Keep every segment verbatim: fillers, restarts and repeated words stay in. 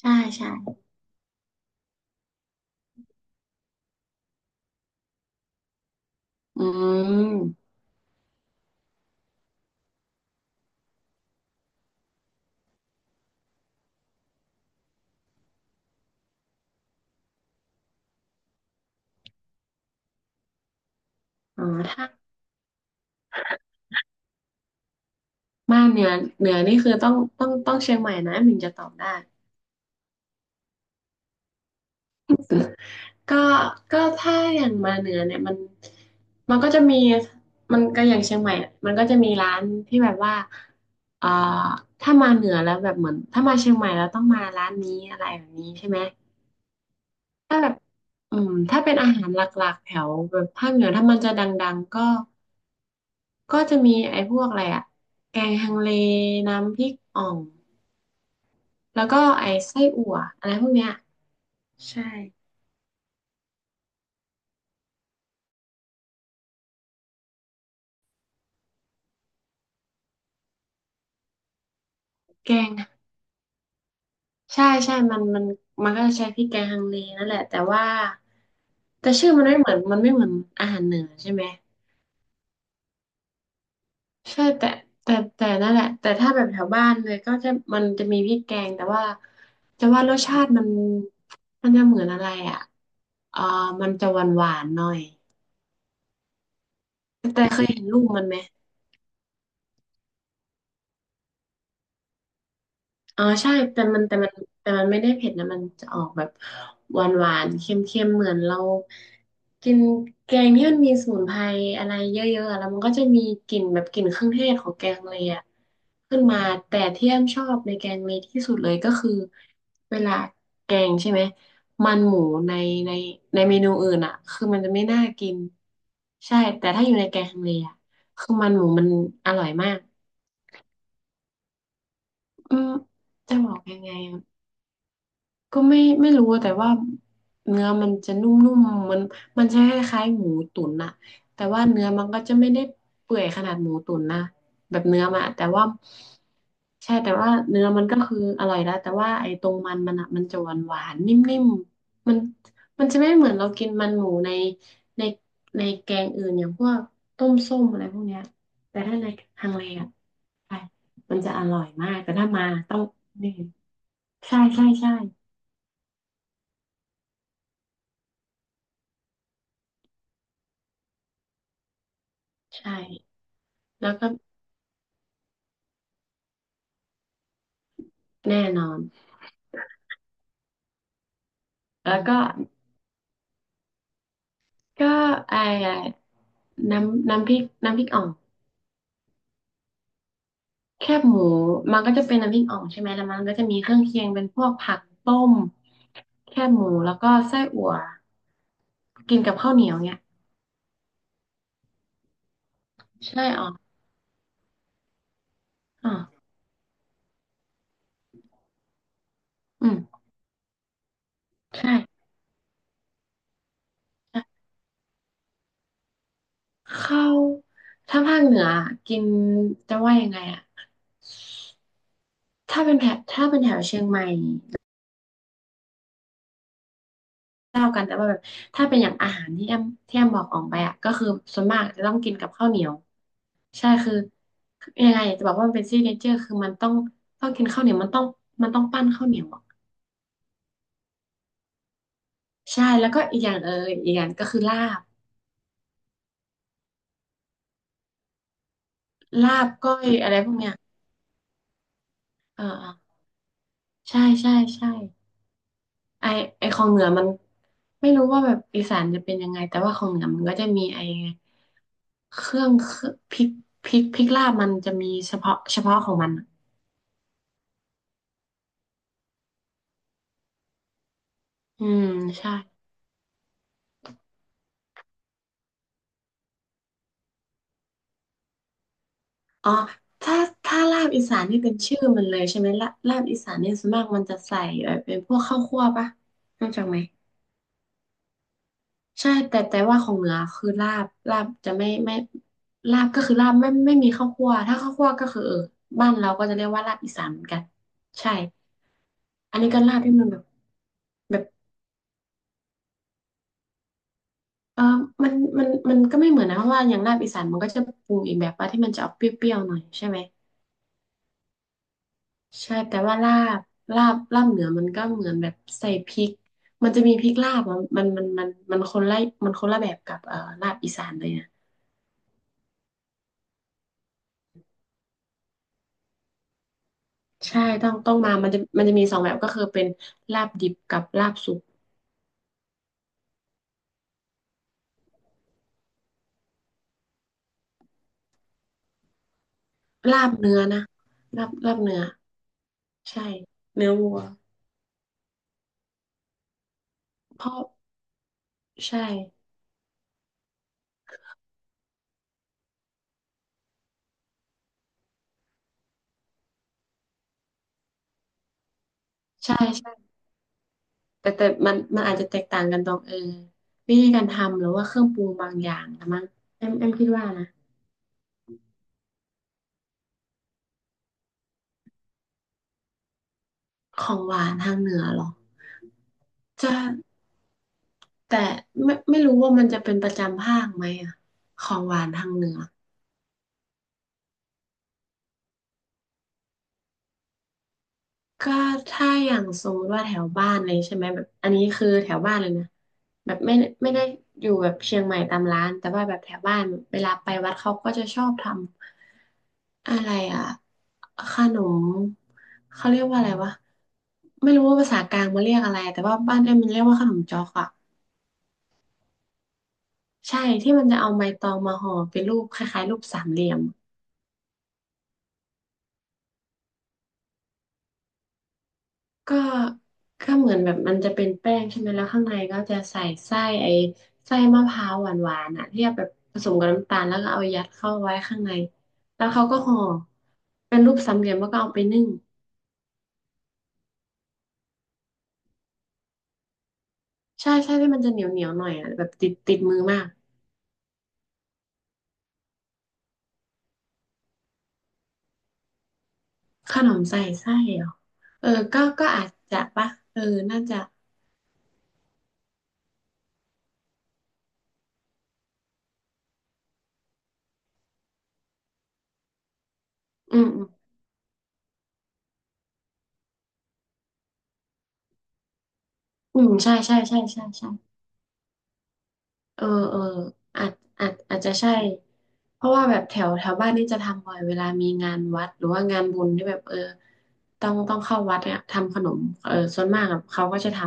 ใช่ใช่อืมอ๋อถ้าบ้านเหนือเหนือนี่คือต้องต้องต้องเชียงใหม่นะถึงจะตอบได้ก็ก็ถ้าอย่างมาเหนือเนี่ยมันมันก็จะมีมันก็อย่างเชียงใหม่อะมันก็จะมีร้านที่แบบว่าเอ่อถ้ามาเหนือแล้วแบบเหมือนถ้ามาเชียงใหม่แล้วต้องมาร้านนี้อะไรแบบนี้ใช่ไหม ถ้าแบบ อืมถ้าเป็นอาหารหลักๆแถวแบบภาคเหนือถ้ามันจะดังๆก็ก็จะมีไอ้พวกอะไรอะแกงฮังเลน้ำพริกอ่อง แล้วก็ไอ้ไส้อั่วอะไรพวกเนี้ยใช่แกงใช่ใช่มันมันมันก็จะใช้พริกแกงฮังเลนั่นแหละแต่ว่าแต่ชื่อมันไม่เหมือนมันไม่เหมือนอาหารเหนือใช่ไหมใช่แต่แต่แต่นั่นแหละแต่ถ้าแบบแถวบ้านเลยก็จะมันจะมีพริกแกงแต่ว่าจะว่ารสชาติมันมันจะเหมือนอะไรอ่ะเออมันจะหวานหวานหน่อยแต่เคยเห็นรูปมันไหม อ๋อใช่แต่มันแต่มันแต่มันไม่ได้เผ็ดนะมันจะออกแบบหวานหวานเค็มเค็มๆเหมือนเรากินแกงที่มันมีสมุนไพรอะไรเยอะๆอะแล้วมันก็จะมีกลิ่นแบบกลิ่นเครื่องเทศของแกงเลยอะขึ้นมาแต่ที่แอมชอบในแกงเลยที่สุดเลยก็คือเวลาแกงใช่ไหมมันหมูในในในเมนูอื่นอะคือมันจะไม่น่ากินใช่แต่ถ้าอยู่ในแกงเลยอะคือมันหมูมันอร่อยมากอืมจะบอกยังไง ก็ไม่ไม่รู้แต่ว่าเนื้อมันจะนุ่มๆมันมันจะคล้ายๆหมูตุ๋นอะแต่ว่าเนื้อมันก็จะไม่ได้เปื่อยขนาดหมูตุ๋นนะแบบเนื้อมันอะแต่ว่าใช่แต่ว่าเนื้อมันก็คืออร่อยแล้วแต่ว่าไอ้ตรงมันมันอะมันจะหวานหวานนิ่มๆมันมันจะไม่เหมือนเรากินมันหมูในในในแกงอื่นอย่างพวกต้มส้มอะไรพวกเนี้ยแต่ถ้าในทางเลอะใช่มันจะอร่อยมากแต่ถ้ามาต้องนี่ใช่ใช่ใช่ใช่ แล้วก็แน่นอน แล้วก็ก็ไอ้น้ำน้ำพริกน้ำพริกอ่องแคบหมูมันก็จะเป็นน้ำพริกอ่องใช่ไหมแล้วมันก็จะมีเครื่องเคียงเป็นพวกผักต้มแคบหมูแล้วก็ไส้อั่วกินกับข้าวเหนียวเนี่ยใช่อ๋ออ๋ออืมใช่ใช่ข้าวถ้าภาคเหนือกินจะว่ายังไงอะถ้าเป็นแถบถ้าเป็นแถวเชียงใหม่ เท่าวกันแต่ว่าแบบถ้าเป็นอย่างอาหารที่แอมที่แอมบอกออกไปอ่ะก็คือส่วนมากจะต้องกินกับข้าวเหนียวใช่คือยังไงอยากจะบอกว่ามันเป็นซิกเนเจอร์คือมันต้องต้องกินข้าวเหนียวมันต้องมันต้องปั้นข้าวเหนียวอ่ะใช่แล้วก็อีกอย่างเอออีกอย่างก็คือลาบลาบก้อยอะไรพวกเนี้ยเออเออใช่ใช่ใช่ไอไอของเหนือมันไม่รู้ว่าแบบอีสานจะเป็นยังไงแต่ว่าของเหนือมันก็จะมีไอเครื่องเครื่องพริกพริกพริกลาบมันจะมีเฉพาะเฉพาะของมันอะอืมใช่ อ๋อถ้าถ้าลาบอีสานนี่เป็นชื่อมันเลยใช่ไหมลาลาบอีสานเนี่ยส่วนมากมันจะใส่เออเป็นพวกข้าวคั่วปะรู้จักไหมใช่แต่แต่ว่าของเหนือคือลาบลาบจะไม่ไม่ลาบก็คือลาบไม่ไม่มีข้าวคั่วถ้าข้าวคั่วก็คือเออบ้านเราก็จะเรียกว่าลาบอีสานเหมือนกันใช่อันนี้ก็ลาบที่มันแบบแบบเออมันมันมันก็ไม่เหมือนนะเพราะว่าอย่างลาบอีสานมันก็จะปรุงอีกแบบว่าที่มันจะออกเปรี้ยวๆหน่อยใช่ไหม ใช่แต่ว่าลาบลาบลาบเหนือมันก็เหมือนแบบใส่พริกมันจะมีพริกลาบอะมันมันมันมันคนละมันคนละแบบกับเอ่อลาบอีสานเลยนะใช่ต้องต้องมามันจะมันจะมีสองแบบก็คือเป็นลาบดิบกับลาบสุกลาบเนื้อนะลาบลาบเนื้อใช่เนื้อวัวเพราะใช่ใช่ใช่แต่แต่มันมันอาจจะแตกต่างกันตรงเออวิธีการทำหรือว่าเครื่องปรุงบางอย่างนะมั้งเอ็มเอ็มคิดว่านะของหวานทางเหนือเหรอจะ แต่ไม่ไม่รู้ว่ามันจะเป็นประจำภาคไหมอะของหวานทางเหนือก็ถ้าอย่างสมมติว่าแถวบ้านเลยใช่ไหมแบบอันนี้คือแถวบ้านเลยนะแบบไม่ไม่ได้อยู่แบบเชียงใหม่ตามร้านแต่ว่าแบบแถวบ้านเวลาไปวัดเขาก็จะชอบทำอะไรอะขนมเขาเรียกว่าอะไรวะไม่รู้ว่าภาษากลางมันเรียกอะไรแต่ว่าบ้านเอมมันเรียกว่าขนมจ๊อกอะใช่ที่มันจะเอาใบตองมาห่อเป็นรูปคล้ายๆรูปสามเหลี่ยม ก็ก็เหมือนแบบมันจะเป็นแป้งใช่ไหมแล้วข้างในก็จะใส่ไส้ไอ้ไส้มะพร้าวหวานๆอ่ะที่เอาแบบผสมกับน้ำตาลแล้วก็เอายัดเข้าไว้ข้างในแล้วเขาก็ห่อเป็นรูปสามเหลี่ยมแล้วก็เอาไปนึ่งใช่ใช่ที่มันจะเหนียวเหนียวหน่อยอ่ะแบบติดติดมือมากขนมใส่ไส้เหรอเออก็ก็อาจจะปะเออน่าจะอืมอืมอืมใช่ใช่ใช่ใช่ใช่ เออเอออาจอาจอาจจะใช่เพราะว่าแบบแถวแถวบ้านนี่จะทำบ่อยเวลามีงานวัดหรือว่างานบุญที่แบบเออต้องต้องเข้าวัดเนี่ยทำขนมเออส่วนมากอะเขาก็จะท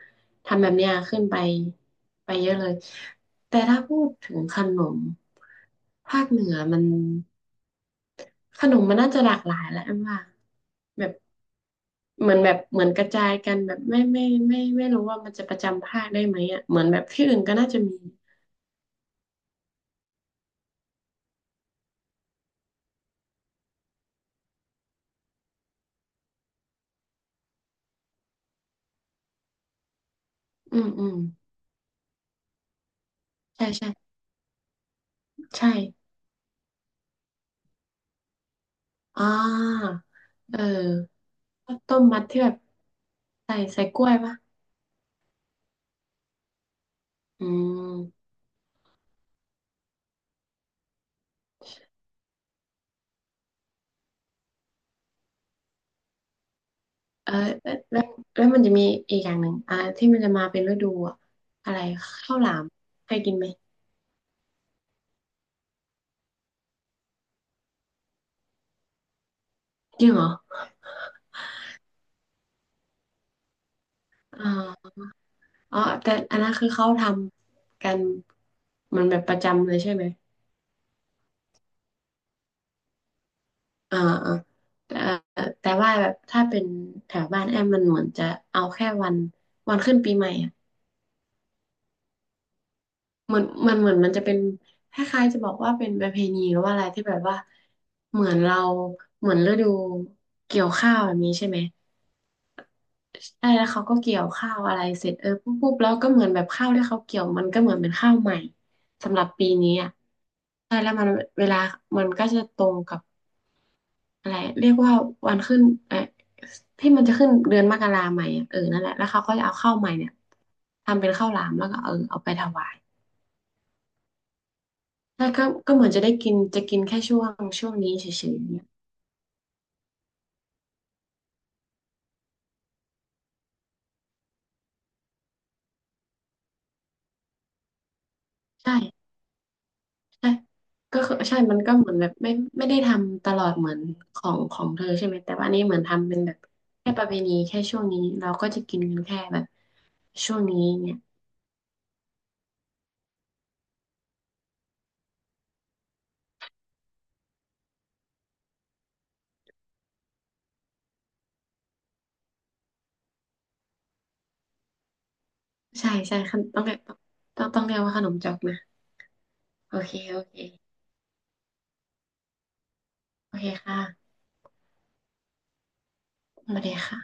ำทำแบบเนี้ยขึ้นไปไปเยอะเลยแต่ถ้าพูดถึงขนมภาคเหนือมันขนมมันน่าจะหลากหลายแหละอันว่าแบบเหมือนแบบเหมือนกระจายกันแบบไม่ไม่ไม่ไม่ไม่รู้ว่ามันจะประจำภาคได้ไหมอ่ะเหมือนแบบที่อื่นก็น่าจะมีอืมอืมใช่ใช่ ใช่ อ่า เออข้าวต้มมัดที่แบบใส่ใส่กล้วยปะอืมเออแล้วแล้วแล้วมันจะมีอีกอย่างหนึ่งอ่าที่มันจะมาเป็นฤดูอะอะไรข้าวหลามเคยกินไหม จริงเหรอ อ่าอ๋อแต่อันนั้นคือเขาทำกันมันแบบประจำเลยใช่ไหม อ่าอ่าแต่เอ่อแต่ว่าแบบถ้าเป็นแถวบ้านแอมมันเหมือนจะเอาแค่วันวันขึ้นปีใหม่อะ เหมือนมันเหมือนมันจะเป็นคล้ายๆจะบอกว่าเป็นประเพณีหรือว่าอะไรที่แบบว่าเหมือนเราเหมือนฤดูเกี่ยวข้าวแบบนี้ใช่ไหมใช่แล้วเขาก็เกี่ยวข้าวอะไรเสร็จเออปุ๊บปุ๊บแล้วก็เหมือนแบบข้าวที่เขาเกี่ยวมันก็เหมือนเป็นข้าวใหม่สำหรับปีนี้อ่ะใช่แล้วมันเวลามันก็จะตรงกับอะไรเรียกว่าวันขึ้นเออที่มันจะขึ้นเดือนมกราใหม่อะเออนั่นแหละแล้วเขาก็จะเอาข้าวใหม่เนี่ยทำเป็นข้าวหลามแล้วก็เออเอาไปถวาย ใช่ก็ก็เหมือนจะได้กินจะกินแค่ช่วงช่วงนี้เฉยๆเนี่ยใช่ใช่ก็คือใช่ มันก็เหมือนแบบไม่ไม่ได้ทำตลอดเหมือนของของเธอใช่ไหมแต่ว่าอันนี่เหมือนทำเป็นแบบแค่ประเพณีแค่ช่วงนี้เราก็จะกินกันแค่แบบช่วงนี้เนี่ยใช่ใช่ขนต้องเรียกต้องต้องเรียกว่าขนมจอกนะโอเคโอเคโอเคค่ะสวัสดีค่ะ